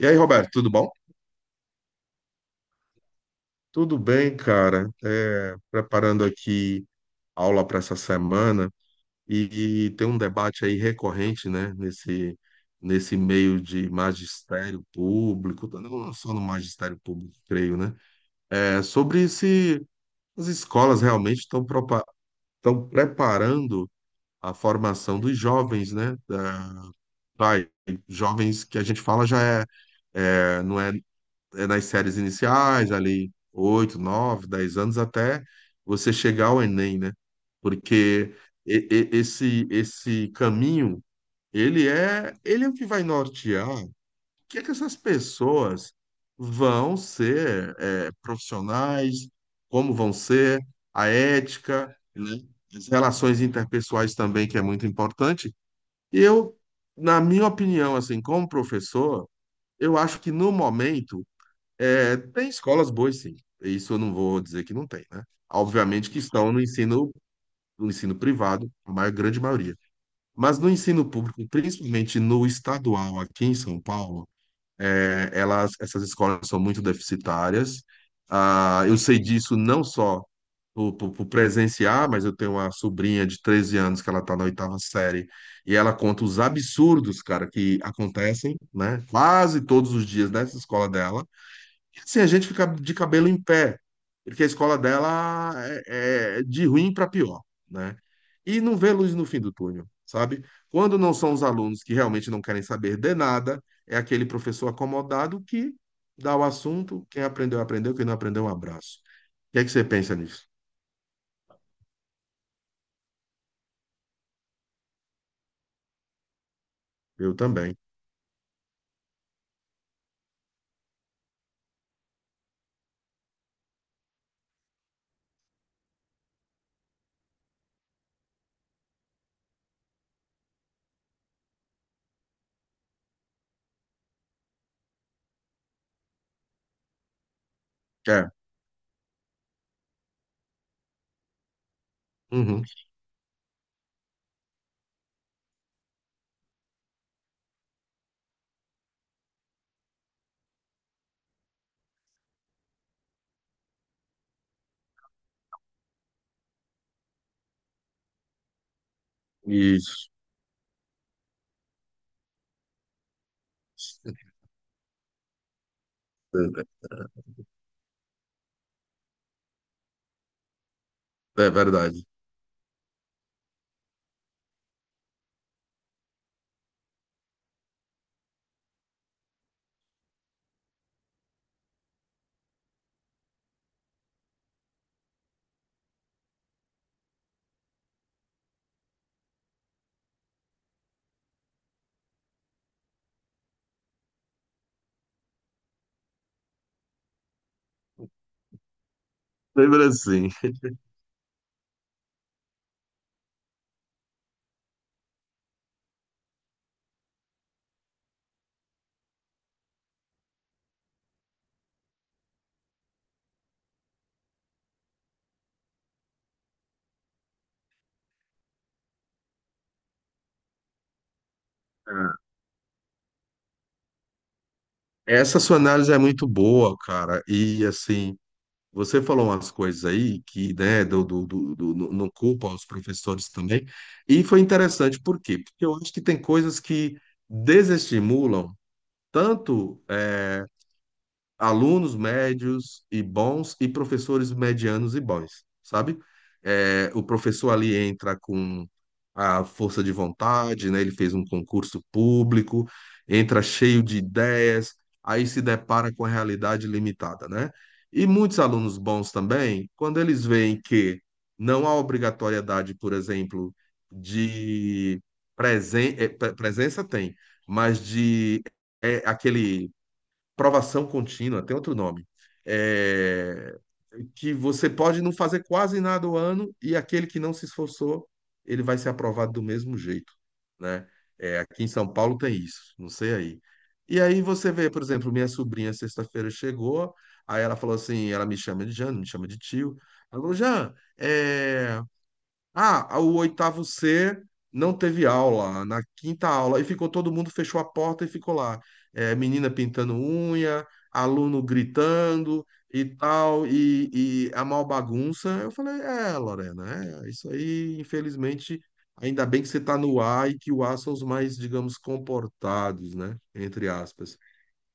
E aí, Roberto, tudo bom? Tudo bem, cara? É, preparando aqui aula para essa semana e tem um debate aí recorrente, né? Nesse meio de magistério público, não só no magistério público, creio, né? É sobre se as escolas realmente estão estão preparando a formação dos jovens, né? Vai, Jovens que a gente fala já é, não é, nas séries iniciais, ali, 8, 9, 10 anos, até você chegar ao Enem, né? Porque esse caminho, ele é o que vai nortear o que é que essas pessoas vão ser profissionais, como vão ser, a ética, né? As relações interpessoais também, que é muito importante. E eu, na minha opinião, assim, como professor, eu acho que no momento tem escolas boas, sim. Isso eu não vou dizer que não tem, né? Obviamente que estão no ensino privado, a maior, grande maioria. Mas no ensino público, principalmente no estadual aqui em São Paulo, essas escolas são muito deficitárias. Ah, eu sei disso não só por presenciar, mas eu tenho uma sobrinha de 13 anos que ela está na oitava série e ela conta os absurdos, cara, que acontecem, né? Quase todos os dias nessa escola dela e assim, a gente fica de cabelo em pé, porque a escola dela é de ruim para pior, né? E não vê luz no fim do túnel, sabe? Quando não são os alunos que realmente não querem saber de nada, é aquele professor acomodado que dá o assunto, quem aprendeu, aprendeu, quem não aprendeu, um abraço. O que é que você pensa nisso? Eu também. É. Uhum. Isso. É verdade. Lembra assim. É. Essa sua análise é muito boa, cara. E assim, você falou umas coisas aí que, né, do não culpa os professores também, e foi interessante, por quê? Porque eu acho que tem coisas que desestimulam tanto alunos médios e bons e professores medianos e bons, sabe? É, o professor ali entra com a força de vontade, né? Ele fez um concurso público, entra cheio de ideias, aí se depara com a realidade limitada, né? E muitos alunos bons também, quando eles veem que não há obrigatoriedade, por exemplo, de presença tem, mas aquele provação contínua, tem outro nome, é, que você pode não fazer quase nada o ano e aquele que não se esforçou, ele vai ser aprovado do mesmo jeito, né? É, aqui em São Paulo tem isso, não sei aí. E aí você vê, por exemplo, minha sobrinha sexta-feira chegou, aí ela falou assim, ela me chama de Jean, não me chama de tio. Ela falou, Jean, o oitavo C não teve aula, na quinta aula, e ficou todo mundo, fechou a porta e ficou lá. É, menina pintando unha, aluno gritando e tal, e a mal bagunça. Eu falei, Lorena, isso aí, infelizmente, ainda bem que você está no A e que o A são os mais, digamos, comportados, né? Entre aspas.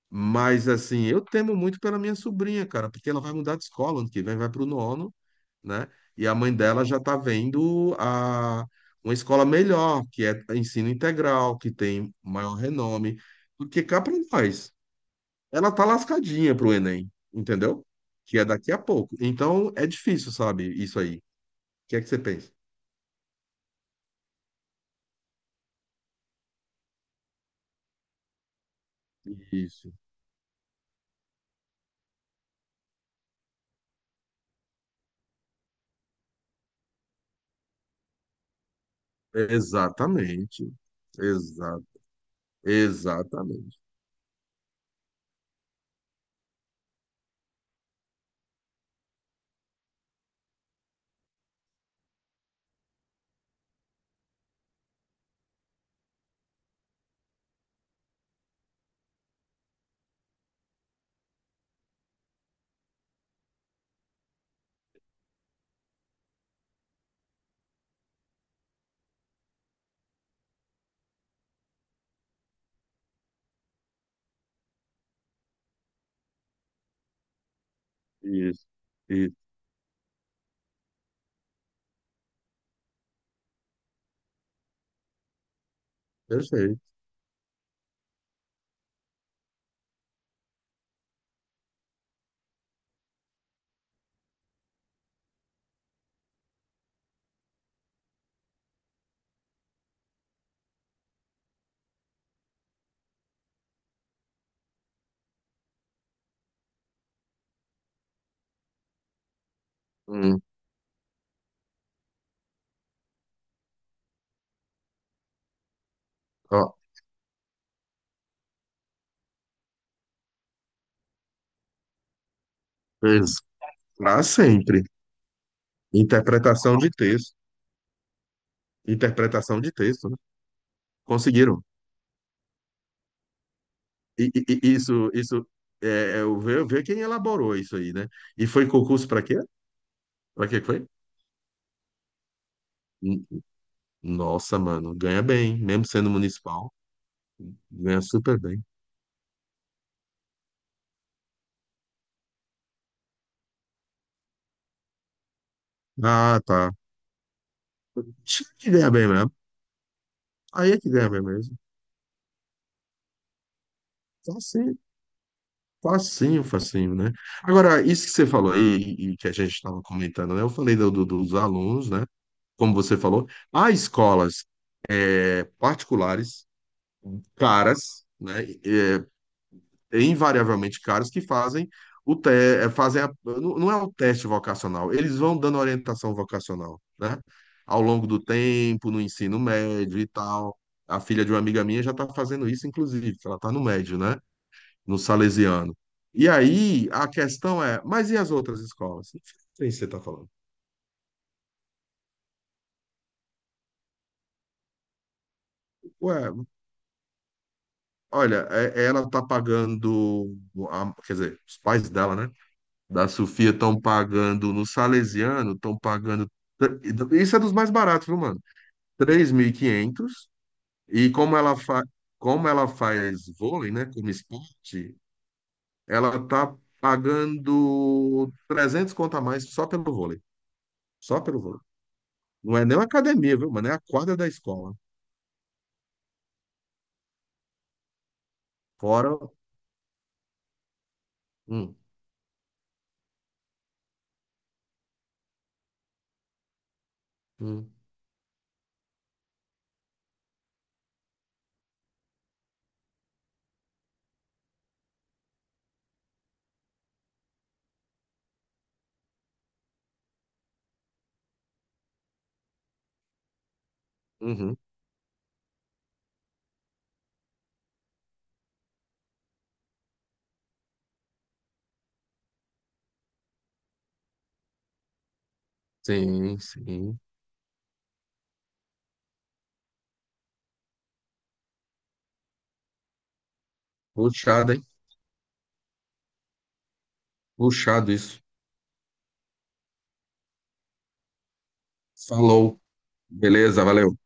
Mas, assim, eu temo muito pela minha sobrinha, cara, porque ela vai mudar de escola ano que vem, vai para o nono, né? E a mãe dela já está vendo uma escola melhor, que é ensino integral, que tem maior renome. Porque cá para nós, ela tá lascadinha pro Enem, entendeu? Que é daqui a pouco. Então é difícil, sabe, isso aí. O que é que você pensa? Isso. Exatamente. Exato. Exatamente. Isso. Isso. Perfeito. Hum. Ó, para sempre. Interpretação de texto. Interpretação de texto, né? Conseguiram. E isso é, eu ver quem elaborou isso aí, né? E foi concurso para quê? Para que foi? N- Nossa, mano, ganha bem, mesmo sendo municipal, ganha super bem. Ah, tá. Tinha que ganhar bem mesmo. Aí é que ganha bem mesmo. Facinho, facinho, facinho, né? Agora, isso que você falou aí, e que a gente estava comentando, né? Eu falei dos alunos, né? Como você falou, há escolas particulares caras, né, invariavelmente caros que fazem o te, eh, fazem a- não não é o teste vocacional, eles vão dando orientação vocacional, né? Ao longo do tempo, no ensino médio e tal. A filha de uma amiga minha já está fazendo isso, inclusive, que ela está no médio, né? No Salesiano. E aí a questão é, mas e as outras escolas? É isso que você está falando. Ué, olha, ela está pagando, quer dizer, os pais dela, né? Da Sofia estão pagando no Salesiano, estão pagando. Isso é dos mais baratos, viu, mano? 3.500. E como ela faz vôlei, né, como esporte, ela tá pagando 300 conto a mais só pelo vôlei. Só pelo vôlei. Não é nem uma academia, viu, mano? É a quadra da escola. Fora. Hum, hum, uhum. Sim, sim. Puxado, hein? Puxado isso. Falou. Beleza, valeu.